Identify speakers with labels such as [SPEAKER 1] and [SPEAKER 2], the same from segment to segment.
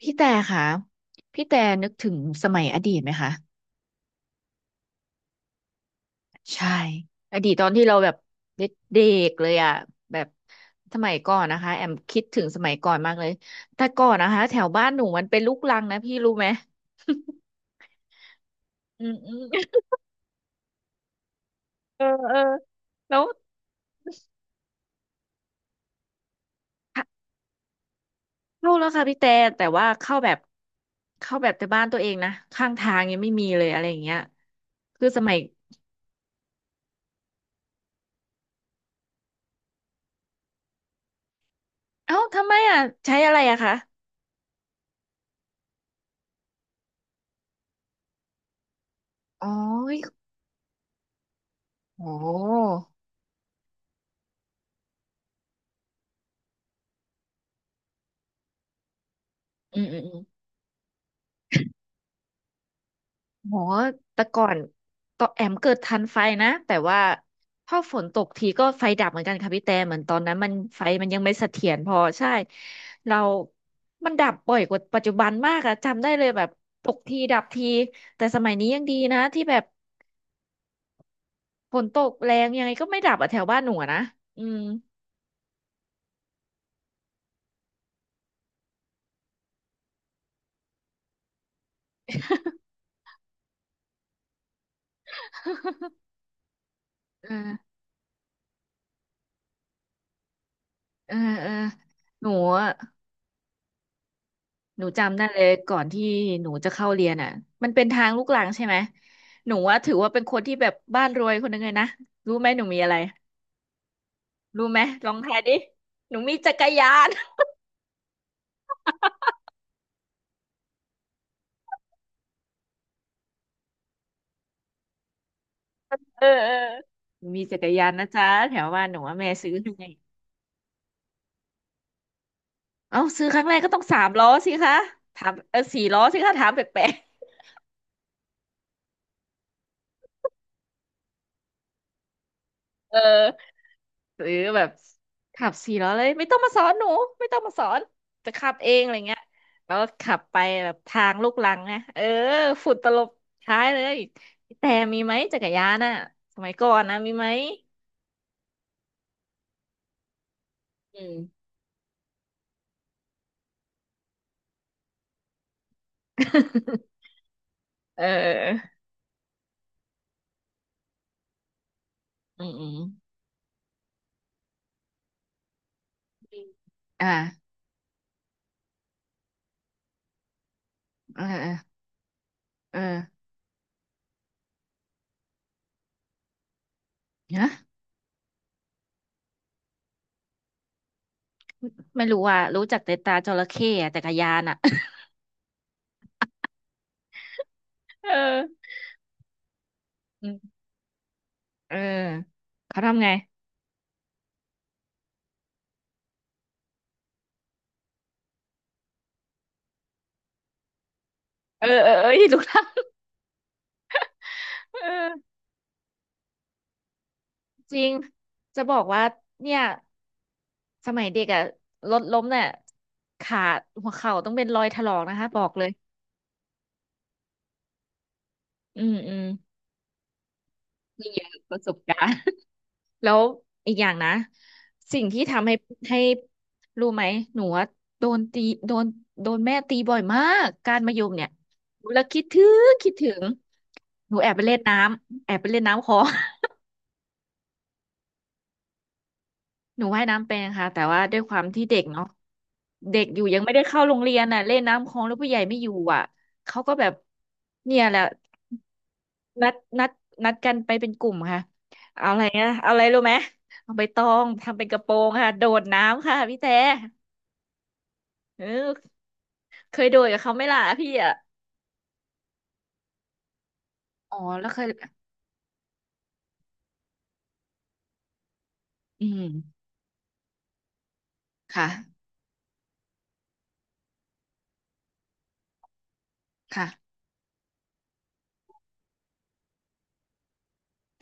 [SPEAKER 1] พี่แต่ค่ะพี่แต่นึกถึงสมัยอดีตไหมคะใช่อดีตตอนที่เราแบบเด็กๆเลยอ่ะแบบสมัยก่อนนะคะแอมคิดถึงสมัยก่อนมากเลยแต่ก่อนนะคะแถวบ้านหนูมันเป็นลูกรังนะพี่รู้ไหม อืมอืมเออเออแล้วเข้าแล้วค่ะพี่แต่แต่ว่าเข้าแบบเข้าแบบแต่บ้านตัวเองนะข้างทางยังไม่มีเลยอะไรอย่างเงี้ยคือสมัยเอ้าทำไมอ่ะใช้อะไรอะคะอ๋อโอ้โหอืมอืม โหแต่ก่อนต่อนแอมเกิดทันไฟนะแต่ว่าพอฝนตกทีก็ไฟดับเหมือนกันค่ะพี่แต่เหมือนตอนนั้นมันไฟมันยังไม่เสถียรพอใช่เรามันดับบ่อยกว่าปัจจุบันมากอะจำได้เลยแบบตกทีดับทีแต่สมัยนี้ยังดีนะที่แบบฝนตกแรงยังไงก็ไม่ดับอะแถวบ้านหนูอะนะอืมเออเออเออหนู หนูจำได้เลยก่อนที่หนูจะเข้าเรียนอ่ะมันเป็นทางลูกรังใช่ไหมหนูว่าถือว่าเป็นคนที่แบบบ้านรวยคนหนึงเลยนะรู้ไหมหนูมีอะไรรู้ไหมลองทายดิหนูมีจักรยาน เออเออหนูมีจักรยานนะจ๊ะแถวบ้านหนูว่าแม่ซื้อให้ เอ้าซื้อครั้งแรกก็ต้องสามล้อสิคะถามเออสี่ล้อสิคะถามแปลกๆเออ หรือแบบขับสี่ล้อเลยไม่ต้องมาสอนหนูไม่ต้องมาสอนจะขับเองอะไรเงี้ยแล้วขับไปแบบทางลูกรังนะเออฝุ่นตลบท้ายเลยพี่แต่มีไหมจักรยานน่ะสมัยก่อนนะมีไหมอืม เอออืมอืมอมอ่าเออเออเออนะไม่รู้ว่ารู้จักแต่ตาจระเข้อะจักรยานอ่ะ เออ อืมเออเขาทำไงเออเออเออ ลูกรังเออ จริง จะบอกว่าเนี่ยสมัยเด็กอะรถล้มเนี่ยขาหัวเข่าต้องเป็นรอยถลอกนะคะบอกเลยอืมอืมมีเยอะประสบการณ์ แล้วอีกอย่างนะสิ่งที่ทำให้ให้รู้ไหมหนูว่าโดนตีโดนโดนแม่ตีบ่อยมากการมะยมเนี่ยหนูแล้วคิดถึงหนูแอบไปเล่นน้ำแอบไปเล่นน้ำคลอง หนูว่ายน้ำเป็นค่ะแต่ว่าด้วยความที่เด็กเนาะเด็กอยู่ยังไม่ได้เข้าโรงเรียนน่ะเล่นน้ำคลองแล้วผู้ใหญ่ไม่อยู่อ่ะเขาก็แบบเนี่ยแหละนัดนัดกันไปเป็นกลุ่มค่ะเอาอะไรนะเอาอะไรรู้ไหมเอาใบตองทำเป็นกระโปรงค่ะโดดน้ำค่ะพี่แต่เออเคยโดดกับเขาไหมล่ะพี่อ่ะอ๋อแล้วเคยอืมค่ะค่ะ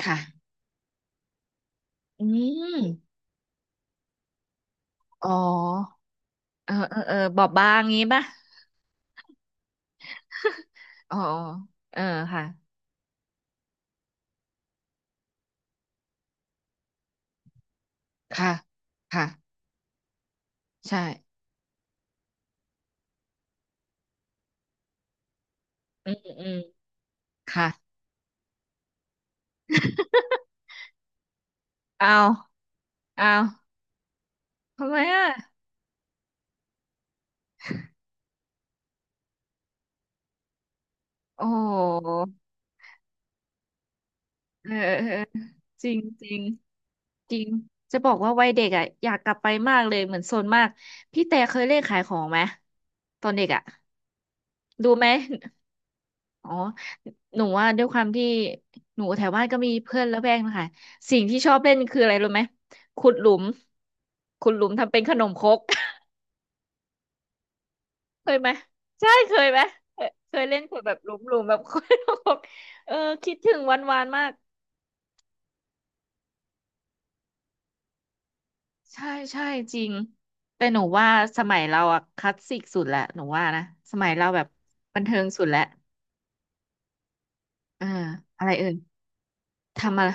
[SPEAKER 1] ค่ะอืมอ๋อเออเออเออบอบบางงี้ป่ะ อ๋อเออค่ะค่ะค่ะ ใช่ อืมอืมค่ะ เอา เอา ทำไมอ่ะ โอ้โหเออเออเออจริงจริงจริง จะบอกว่าวัยเด็กอ่ะอยากกลับไปมากเลยเหมือนโซนมาก พี่แต่เคยเล่นขายของไหม ตอนเด็กอ่ะ ดูไหม อ๋อ หนูว่าด้วยความที่หนูแถวบ้านก็มีเพื่อนละแวกนะคะสิ่งที่ชอบเล่นคืออะไรรู้ไหมขุดหลุมขุดหลุมทำเป็นขนมครก เคยไหมใช่เคยไหมเคยเล่นคแบบหลุมๆแบบ คยแบบเออคิดถึงวันวานมากใช่ใช่จริงแต่หนูว่าสมัยเราอะคลาสสิกสุดแหละหนูว่านะสมัยเราแบบบันเทิงสุดแหละอ่าอะไรเอ่ยทำอะไร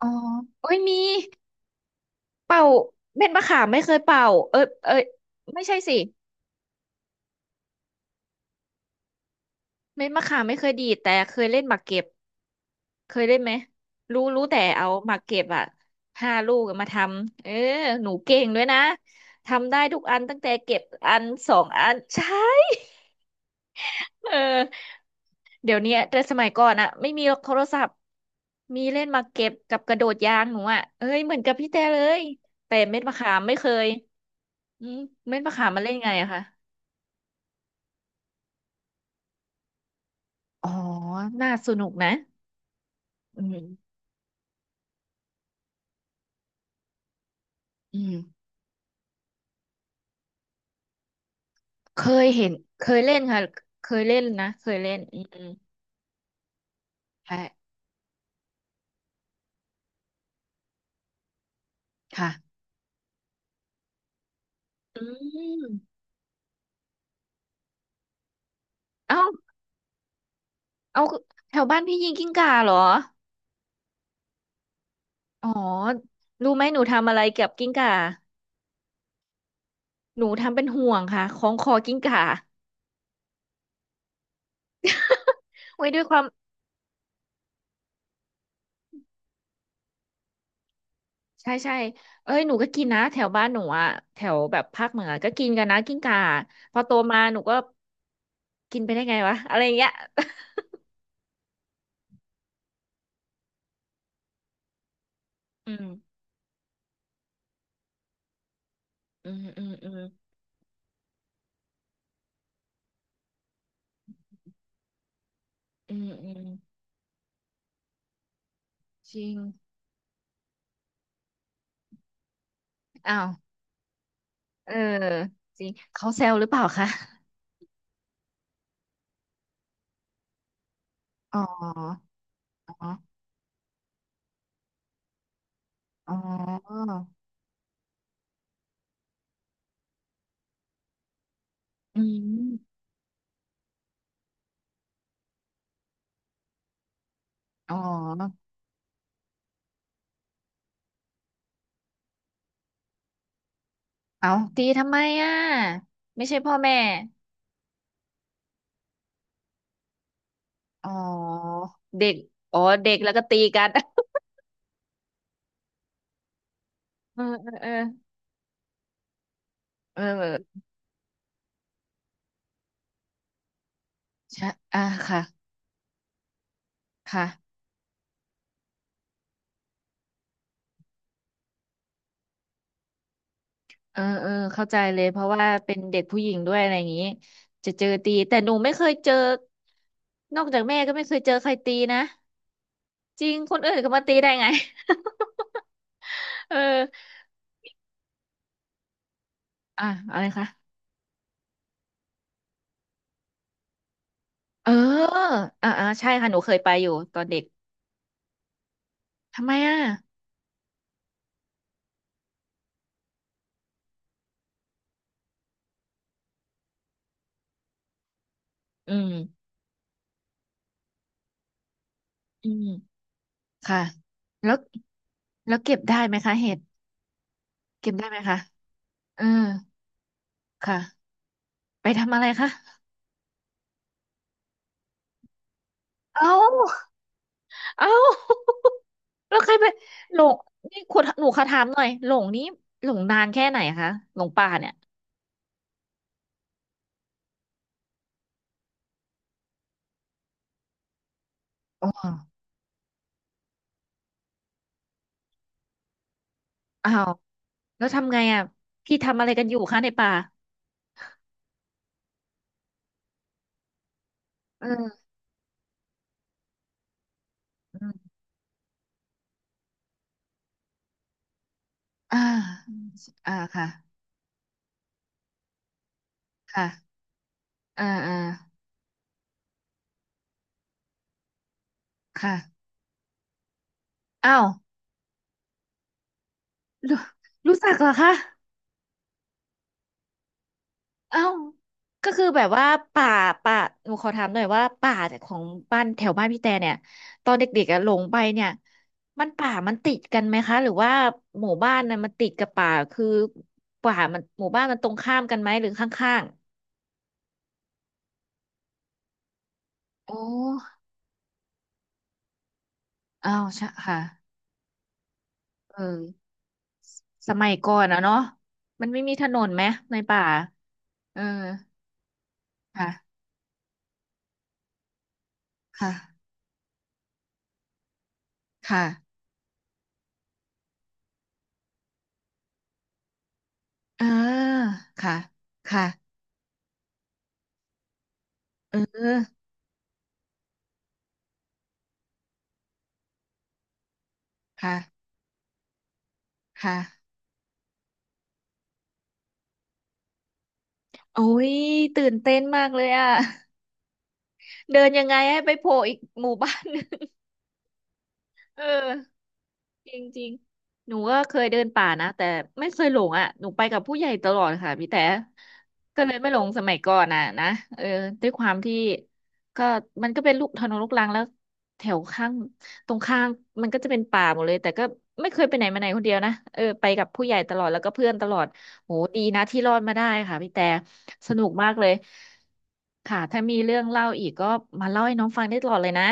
[SPEAKER 1] อ๋อโอ้ยมีเป่าเม็ดมะขามไม่เคยเป่าเออเออไม่ใช่สิเม็ดมะขามไม่เคยดีดแต่เคยเล่นหมากเก็บ เคยได้ไหมรู้รู้แต่เอามาเก็บอ่ะห้าลูกอะมาทำเออหนูเก่งด้วยนะทำได้ทุกอันตั้งแต่เก็บอันสองอัน ใช่เออเดี๋ยวเนี้ยแต่สมัยก่อนอะไม่มีโทรศัพท์มีเล่นหมากเก็บกับกระโดดยางหนูอะเอ้ยเหมือนกับพี่แต่เลยแต่เม็ดมะขามไม่เคยอืมเม็ดมะขามมาเล่นไงอะคะอ๋อน่าสนุกนะอืมอืมเคยเห็นเคยเล่นค่ะเคยเล่นนะเคยเล่นอืมอืมใช่ ค่ะอืมเอ้าเอาแถวบ้านพี่ยิงกิ้งก่าเหรออ๋อรู้ไหมหนูทำอะไรเกี่ยวกับกิ้งก่าหนูทำเป็นห่วงค่ะคล้องคอกิ้งก่าไว้ด้วยความใช่ใช่เอ้ยหนูก็กินนะแถวบ้านหนูอะแถวแบบภาคเหนือก็กินกันนะกิ้งก่าพอโตมาหนูก็กินไปได้ไงวะอะไรอย่างเงี้ย อืมอืมอืมอืมอืมอืมจริงอ้าวเออจริงเขาแซวหรือเปล่าคะอ๋ออ๋ออ๋อ อืมอ๋อเอาตีทำไมอ่ะไม่ใช่พ่อแม่อ๋อเด็กอ๋อเด็กแล้วก็ตีกัน เออเออเออเออใช่อ่าค่ะค่ะเออเออเข้าใจเลยเพราะว่าเป็นเด็กผู้หญิงด้วยอะไรอย่างนี้จะเจอตีแต่หนูไม่เคยเจอนอกจากแม่ก็ไม่เคยเจอใครตีนะจริงคนอื่นก็มาตีได้ไง เอออ่ะอะไรคะเอออ่าอ่าใช่ค่ะหนูเคยไปอยู่ตอนเด็กทำไมอ่ะ อืมอืมค่ะแล้วเก็บได้ไหมคะเห็ดเก็บได้ไหมคะเออค่ะไปทำอะไรคะเอ้าเอ้าแล้วใครไปหลงนี่คุณหนูขอถามหน่อยหลงนี้หลงนานแค่ไหนคะหลงป่าเนี่ยอ๋ออ้าวแล้วทำไงอ่ะพี่ทำอะไรกันอยู่คะในป่าเอออืมอ่าอ่าค่ะค่ะอ่าอ่าค่ะอ้าวรู้รู้จักเหรอคะ เอ้าก็คือแบบว่าป่าป่าหนูขอถามหน่อยว่าป่าของบ้านแถวบ้านพี่แต่เนี่ยตอนเด็กๆอะหลงไปเนี่ยมันป่ามันติดกันไหมคะหรือว่าหมู่บ้านน่ะมันติดกับป่าคือป่ามันหมู่บ้านมันตรงข้ามกันไหมหรือข้างๆโอ้อ้าวใช่ค่ะเออสมัยก่อนอะเนาะมันไม่มีถนนไหมในป่า เออค่ะค่ะค่ะอ่าค่ะค่ะเออค่ะค่ะ โอ้ยตื่นเต้นมากเลยอ่ะ เดินยังไงให้ไปโผล่อีกหมู่บ้าน หนึงเออ จริงจริงหนูก็เคยเดินป่านะแต่ไม่เคยหลงอ่ะหนูไปกับผู้ใหญ่ตลอดค่ะพี่แต่ก็เลยไม่หลงสมัยก่อนอ่ะนะเออด้วยความที่ก็มันก็เป็นลูกถนนลูกรังแล้วแถวข้างตรงข้างมันก็จะเป็นป่าหมดเลยแต่ก็ไม่เคยไปไหนมาไหนคนเดียวนะเออไปกับผู้ใหญ่ตลอดแล้วก็เพื่อนตลอดโหดีนะที่รอดมาได้ค่ะพี่แต่สนุกมากเลยค่ะถ้ามีเรื่องเล่าอีกก็มาเล่าให้น้องฟังได้ตลอดเลยนะ